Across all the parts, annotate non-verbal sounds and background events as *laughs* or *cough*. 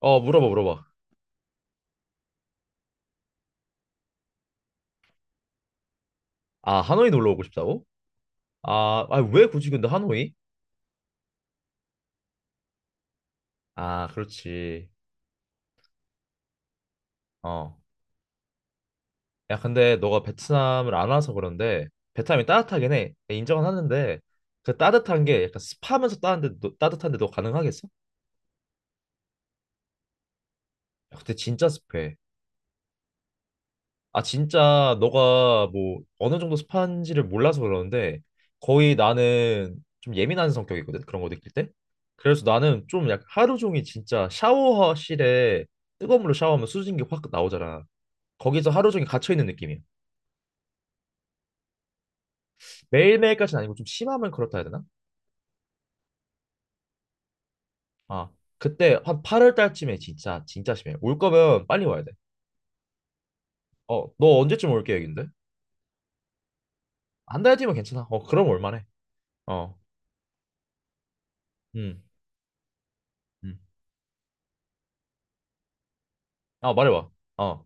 어, 물어봐, 물어봐. 아, 하노이 놀러 오고 싶다고? 아, 아, 왜 굳이 근데 하노이? 아, 그렇지. 어. 야, 근데 너가 베트남을 안 와서 그런데 베트남이 따뜻하긴 해. 내 인정은 하는데 그 따뜻한 게 약간 습하면서 따뜻한데, 너 가능하겠어? 야, 근데 진짜 습해. 아, 진짜 너가 뭐 어느 정도 습한지를 몰라서 그러는데 거의 나는 좀 예민한 성격이거든. 그런 거 느낄 때. 그래서 나는 좀 약 하루 종일 진짜 샤워실에 뜨거운 물로 샤워하면 수증기 확 나오잖아. 거기서 하루 종일 갇혀 있는 느낌이야. 매일매일까지는 아니고 좀 심하면 그렇다 해야 되나? 아, 그때 한 8월 달쯤에 진짜 진짜 심해. 올 거면 빨리 와야 돼. 어, 너 언제쯤 올 계획인데? 한 달 뒤면 괜찮아. 어, 그럼 올만해. 어. 음. 음. 아, 말해 봐. 어.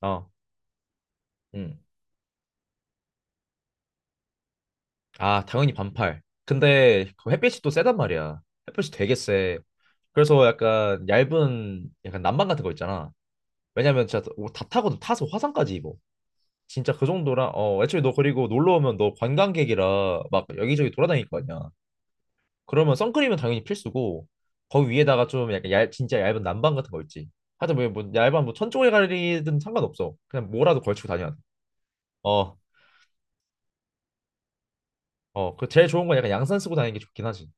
어. 음. 아, 당연히 반팔. 근데 그 햇빛이 또 세단 말이야. 햇빛이 되게 세. 그래서 약간 얇은 약간 난방 같은 거 있잖아. 왜냐면 진짜 다 타거든. 타서 화상까지 입어. 진짜 그 정도라. 어, 애초에 너 그리고 놀러 오면 너 관광객이라 막 여기저기 돌아다닐 거 아니야. 그러면 선크림은 당연히 필수고 거기 위에다가 좀 약간 진짜 얇은 난방 같은 거 있지. 하여튼 뭐 얇은 뭐 천 조개 가리든 상관없어. 그냥 뭐라도 걸치고 다녀야 돼. 어, 어, 그 제일 좋은 건 약간 양산 쓰고 다니는 게 좋긴 하지.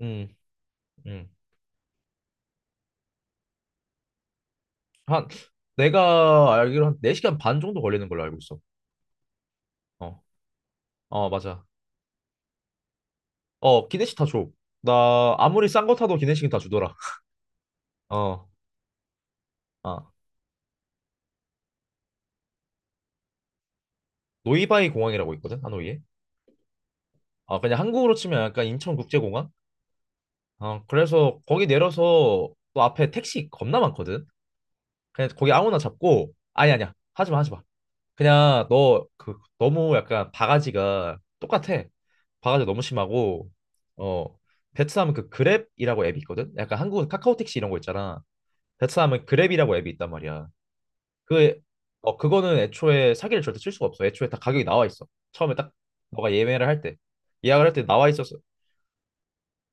음, 음. 한 내가 알기로 한 4시간 반 정도 걸리는 걸로 알고 있어. 어. 어, 맞아. 어, 기내식 다 줘. 나 아무리 싼 거 타도 기내식은 다 주더라. *laughs* 어. 아. 노이바이 공항이라고 있거든. 하노이에. 아, 그냥 한국으로 치면 약간 인천국제공항? 어, 그래서 거기 내려서 또 앞에 택시 겁나 많거든. 그냥 거기 아무나 잡고 아니 아니야. 하지 마, 하지 마. 그냥 너 그 너무 약간 바가지가 똑같아. 바가지가 너무 심하고. 어, 베트남 그 그랩이라고 앱이 있거든. 약간 한국은 카카오택시 이런 거 있잖아. 베트남은 그랩이라고 앱이 있단 말이야. 그, 어, 그거는 애초에 사기를 절대 칠 수가 없어. 애초에 다 가격이 나와 있어. 처음에 딱 너가 예매를 할 때 예약을 할 때 나와 있었어.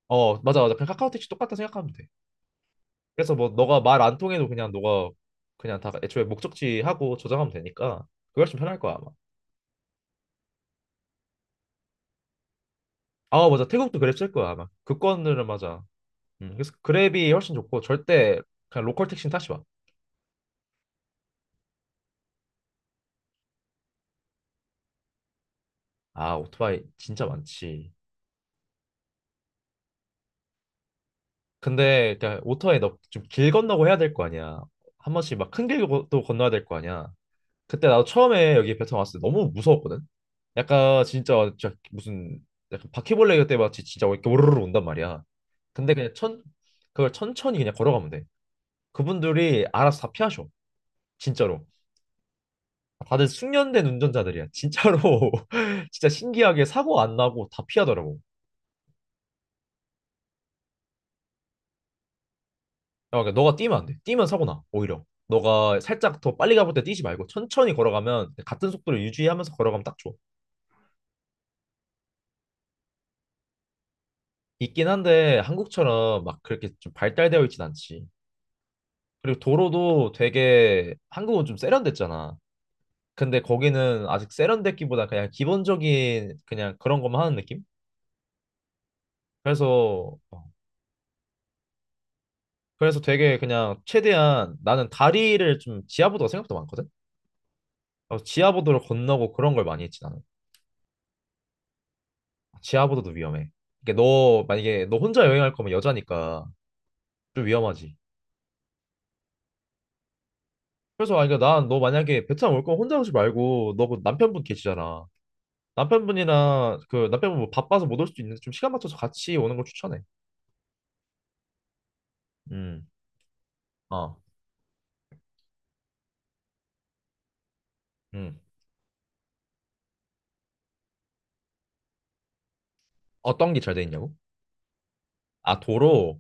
어 맞아 맞아. 그냥 카카오택시 똑같다 생각하면 돼. 그래서 뭐 너가 말 안 통해도 그냥 다 애초에 목적지 하고 저장하면 되니까 그걸 좀 편할 거야 아마. 아 맞아 태국도 그랩 쓸 거야 아마 그건들은 맞아. 그래서 그랩이 훨씬 좋고 절대 그냥 로컬 택시는 타지 마아 오토바이 진짜 많지. 근데 그냥 오토바이 너 좀 길 건너고 해야 될 거 아니야. 한 번씩 막 큰 길도 건너야 될 거 아니야. 그때 나도 처음에 여기 베트남 왔을 때 너무 무서웠거든. 약간 진짜 진짜 무슨 약간 바퀴벌레 그때 마치 진짜 이렇게 오르르 온단 말이야. 근데 그냥 천 그걸 천천히 그냥 걸어가면 돼. 그분들이 알아서 다 피하셔. 진짜로. 다들 숙련된 운전자들이야. 진짜로. *laughs* 진짜 신기하게 사고 안 나고 다 피하더라고. 야, 그러니까 너가 뛰면 안 돼. 뛰면 사고 나. 오히려. 너가 살짝 더 빨리 가볼 때 뛰지 말고 천천히 걸어가면 같은 속도를 유지하면서 걸어가면 딱 좋아. 있긴 한데 한국처럼 막 그렇게 좀 발달되어 있진 않지. 그리고 도로도 되게 한국은 좀 세련됐잖아. 근데 거기는 아직 세련됐기보다 그냥 기본적인 그냥 그런 것만 하는 느낌? 그래서 아, 그래서 되게 그냥 최대한 나는 다리를 좀 지하보도가 생각보다 많거든. 그래서 지하보도를 건너고 그런 걸 많이 했지 나는. 지하보도도 위험해. 이게 너 만약에 너 혼자 여행할 거면 여자니까 좀 위험하지. 그래서 아니 그러니까 난너 만약에 베트남 올 거면 혼자 오지 말고 너그 남편분 계시잖아. 남편분이나 그 남편분 뭐 바빠서 못 올 수도 있는데 좀 시간 맞춰서 같이 오는 걸 추천해. 음. 어. 음. 어떤 게 잘 돼 있냐고? 아 도로.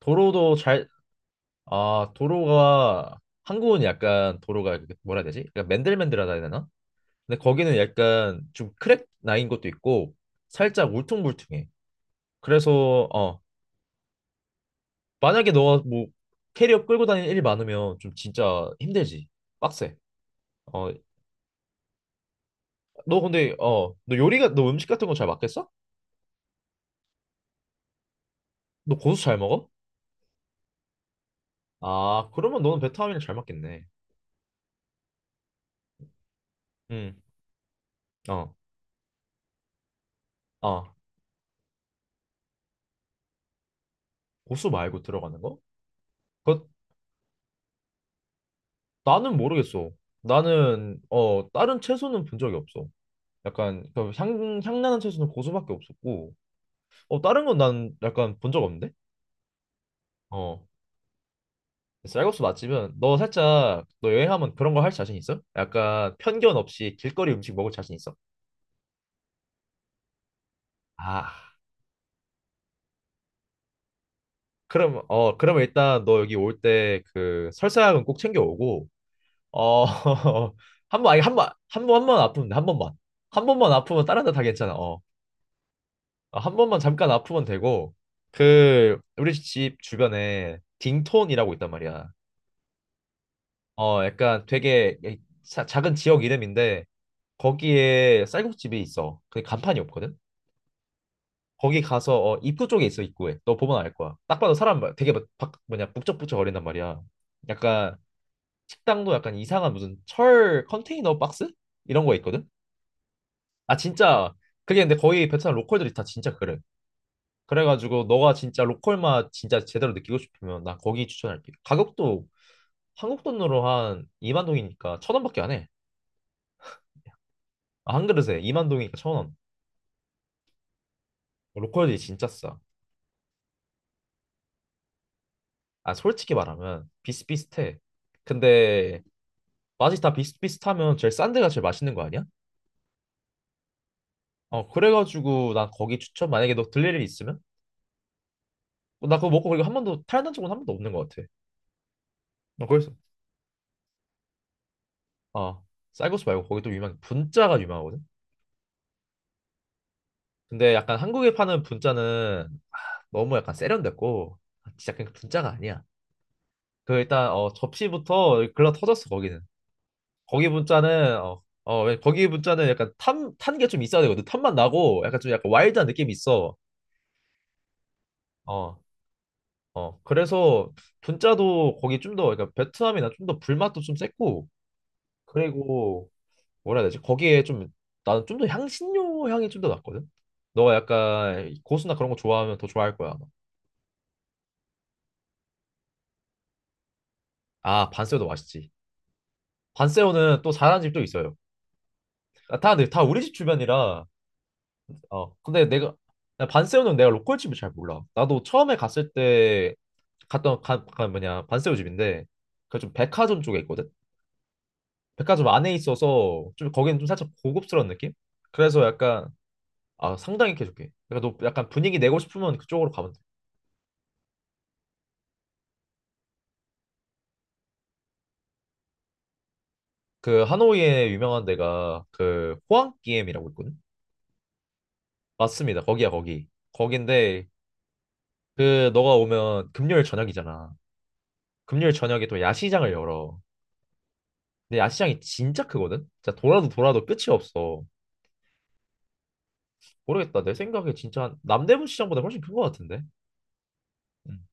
도로도 잘. 아, 도로가 한국은 약간 도로가 이렇게 뭐라 해야 되지? 약간 맨들맨들하다 해야 되나? 근데 거기는 약간 좀 크랙 나인 것도 있고 살짝 울퉁불퉁해. 그래서 어, 만약에 너가 뭐 캐리어 끌고 다니는 일이 많으면 좀 진짜 힘들지. 빡세. 어, 너 근데 어, 너 요리가 너 음식 같은 거 잘 맞겠어? 너 고수 잘 먹어? 아, 그러면 너는 베트남이랑 잘 맞겠네. 응. 어. 아, 고수 말고 들어가는 거? 그것 나는 모르겠어. 나는 어 다른 채소는 본 적이 없어. 약간 그 향나는 채소는 고수밖에 없었고 어 다른 건 난 약간 본 적 없는데? 어. 쌀국수 맛집은 너 살짝 너 여행하면 그런 거 할 자신 있어? 약간 편견 없이 길거리 음식 먹을 자신 있어? 아 그럼 어 그러면 일단 너 여기 올 때 그 설사약은 꼭 챙겨오고 어. *laughs* 한번 아니 한번 한 번 한 번 아프면 돼, 한 번만. 한 번만 아프면 다른 데다 괜찮아 어. 아, 한 번만 잠깐 아프면 되고 그 우리 집 주변에 딩톤이라고 있단 말이야. 어 약간 되게 작은 지역 이름인데 거기에 쌀국집이 있어. 그 간판이 없거든. 거기 가서 어, 입구 쪽에 있어 입구에. 너 보면 알 거야. 딱 봐도 사람 막 되게 막 뭐냐 북적북적 거린단 말이야. 약간 식당도 약간 이상한 무슨 철 컨테이너 박스 이런 거 있거든. 아 진짜 그게 근데 거의 베트남 로컬들이 다 진짜 그래. 그래가지고 너가 진짜 로컬 맛 진짜 제대로 느끼고 싶으면 나 거기 추천할게. 가격도 한국 돈으로 한 2만 동이니까 천 원밖에 안 해. 아, 한 그릇에 2만 동이니까 1,000원. 로컬이 진짜 싸. 아 솔직히 말하면 비슷비슷해. 근데 맛이 다 비슷비슷하면 제일 싼 데가 제일 맛있는 거 아니야? 어 그래가지고 난 거기 추천 만약에 너 들릴 일이 있으면. 어, 나 그거 먹고 그리고 한 번도 탈난 적은 한 번도 없는 것 같아. 어, 거기서 어 쌀국수 말고 거기 또 유명한 게 분짜가 유명하거든. 근데 약간 한국에 파는 분짜는 너무 약간 세련됐고 진짜 그냥 분짜가 아니야. 그 일단 어 접시부터 글러 터졌어 거기는. 거기 분짜는 거기 분짜는 약간 탄 게 좀 있어야 되거든. 탄맛 나고 약간 좀 약간 와일드한 느낌이 있어. 어 어. 그래서 분짜도 거기 좀 더 그러니까 베트남이나 좀 더 불맛도 좀 셌고 그리고 뭐라 해야 되지? 거기에 좀 나는 좀 더 향신료 향이 좀 더 났거든. 너가 약간 고수나 그런 거 좋아하면 더 좋아할 거야. 아마. 아 반새우도 맛있지. 반새우는 또 잘하는 집도 있어요. 다 우리 집 주변이라. 어, 근데 내가 나 반세우는 내가 로컬 집을 잘 몰라. 나도 처음에 갔을 때 갔던 가, 가 뭐냐 반세우 집인데 그 좀 백화점 쪽에 있거든. 백화점 안에 있어서 좀 거기는 좀 살짝 고급스러운 느낌? 그래서 약간 아 상당히 개좋게. 그러니까 너 약간 분위기 내고 싶으면 그쪽으로 가면 돼. 그 하노이에 유명한 데가 그 호황기엠이라고 있거든. 맞습니다. 거기야 거기. 거긴데 그 너가 오면 금요일 저녁이잖아. 금요일 저녁에 또 야시장을 열어. 근데 야시장이 진짜 크거든? 진짜 돌아도 돌아도 끝이 없어. 모르겠다. 내 생각에 진짜 남대문 시장보다 훨씬 큰 것 같은데. 음.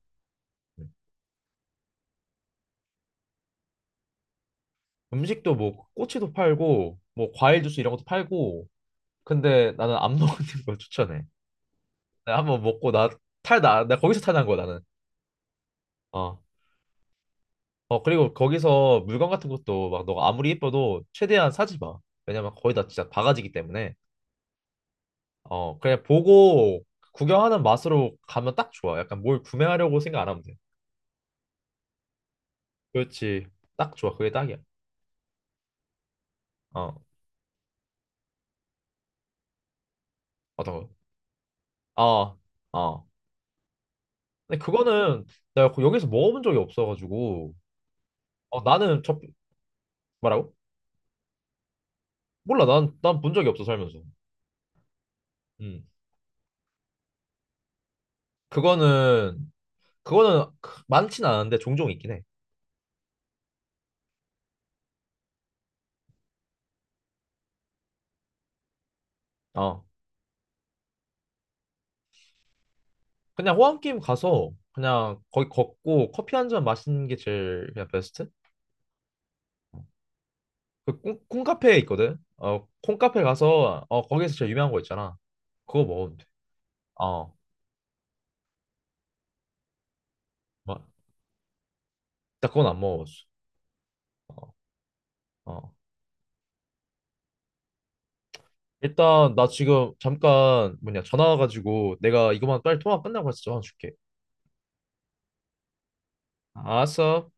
음. 식도 뭐 꼬치도 팔고 뭐 과일 주스 이런 것도 팔고. 근데 나는 안 먹는 걸 추천해. 내가 한번 먹고 나 탈 나 나 거기서 탈 난 거야 나는. 어. 어 그리고 거기서 물건 같은 것도 막 너가 아무리 예뻐도 최대한 사지 마. 왜냐면 거의 다 진짜 바가지기 때문에. 어 그냥 보고 구경하는 맛으로 가면 딱 좋아. 약간 뭘 구매하려고 생각 안 하면 돼. 그렇지. 딱 좋아. 그게 딱이야. 어, 맞아. 어, 어. 근데 그거는 내가 여기서 먹어본 적이 없어가지고. 어, 나는 첫, 뭐라고? 몰라. 난 본 적이 없어, 살면서. 음. 그거는, 그거는 많진 않은데 종종 있긴 해. 어. 그냥 호환게임 가서 그냥 거기 걷고 커피 한 잔 마시는 게 제일 그냥 베스트? 그 콩카페에 있거든? 어, 콩카페 가서, 어, 거기에서 제일 유명한 거 있잖아. 그거 먹으면 돼. 어. 막, 나 그건 안 먹어봤어. 어. 어. 일단 나 지금 잠깐 뭐냐 전화 와가지고 내가 이거만 빨리 통화 끝나고 해서 전화 줄게. 알았어.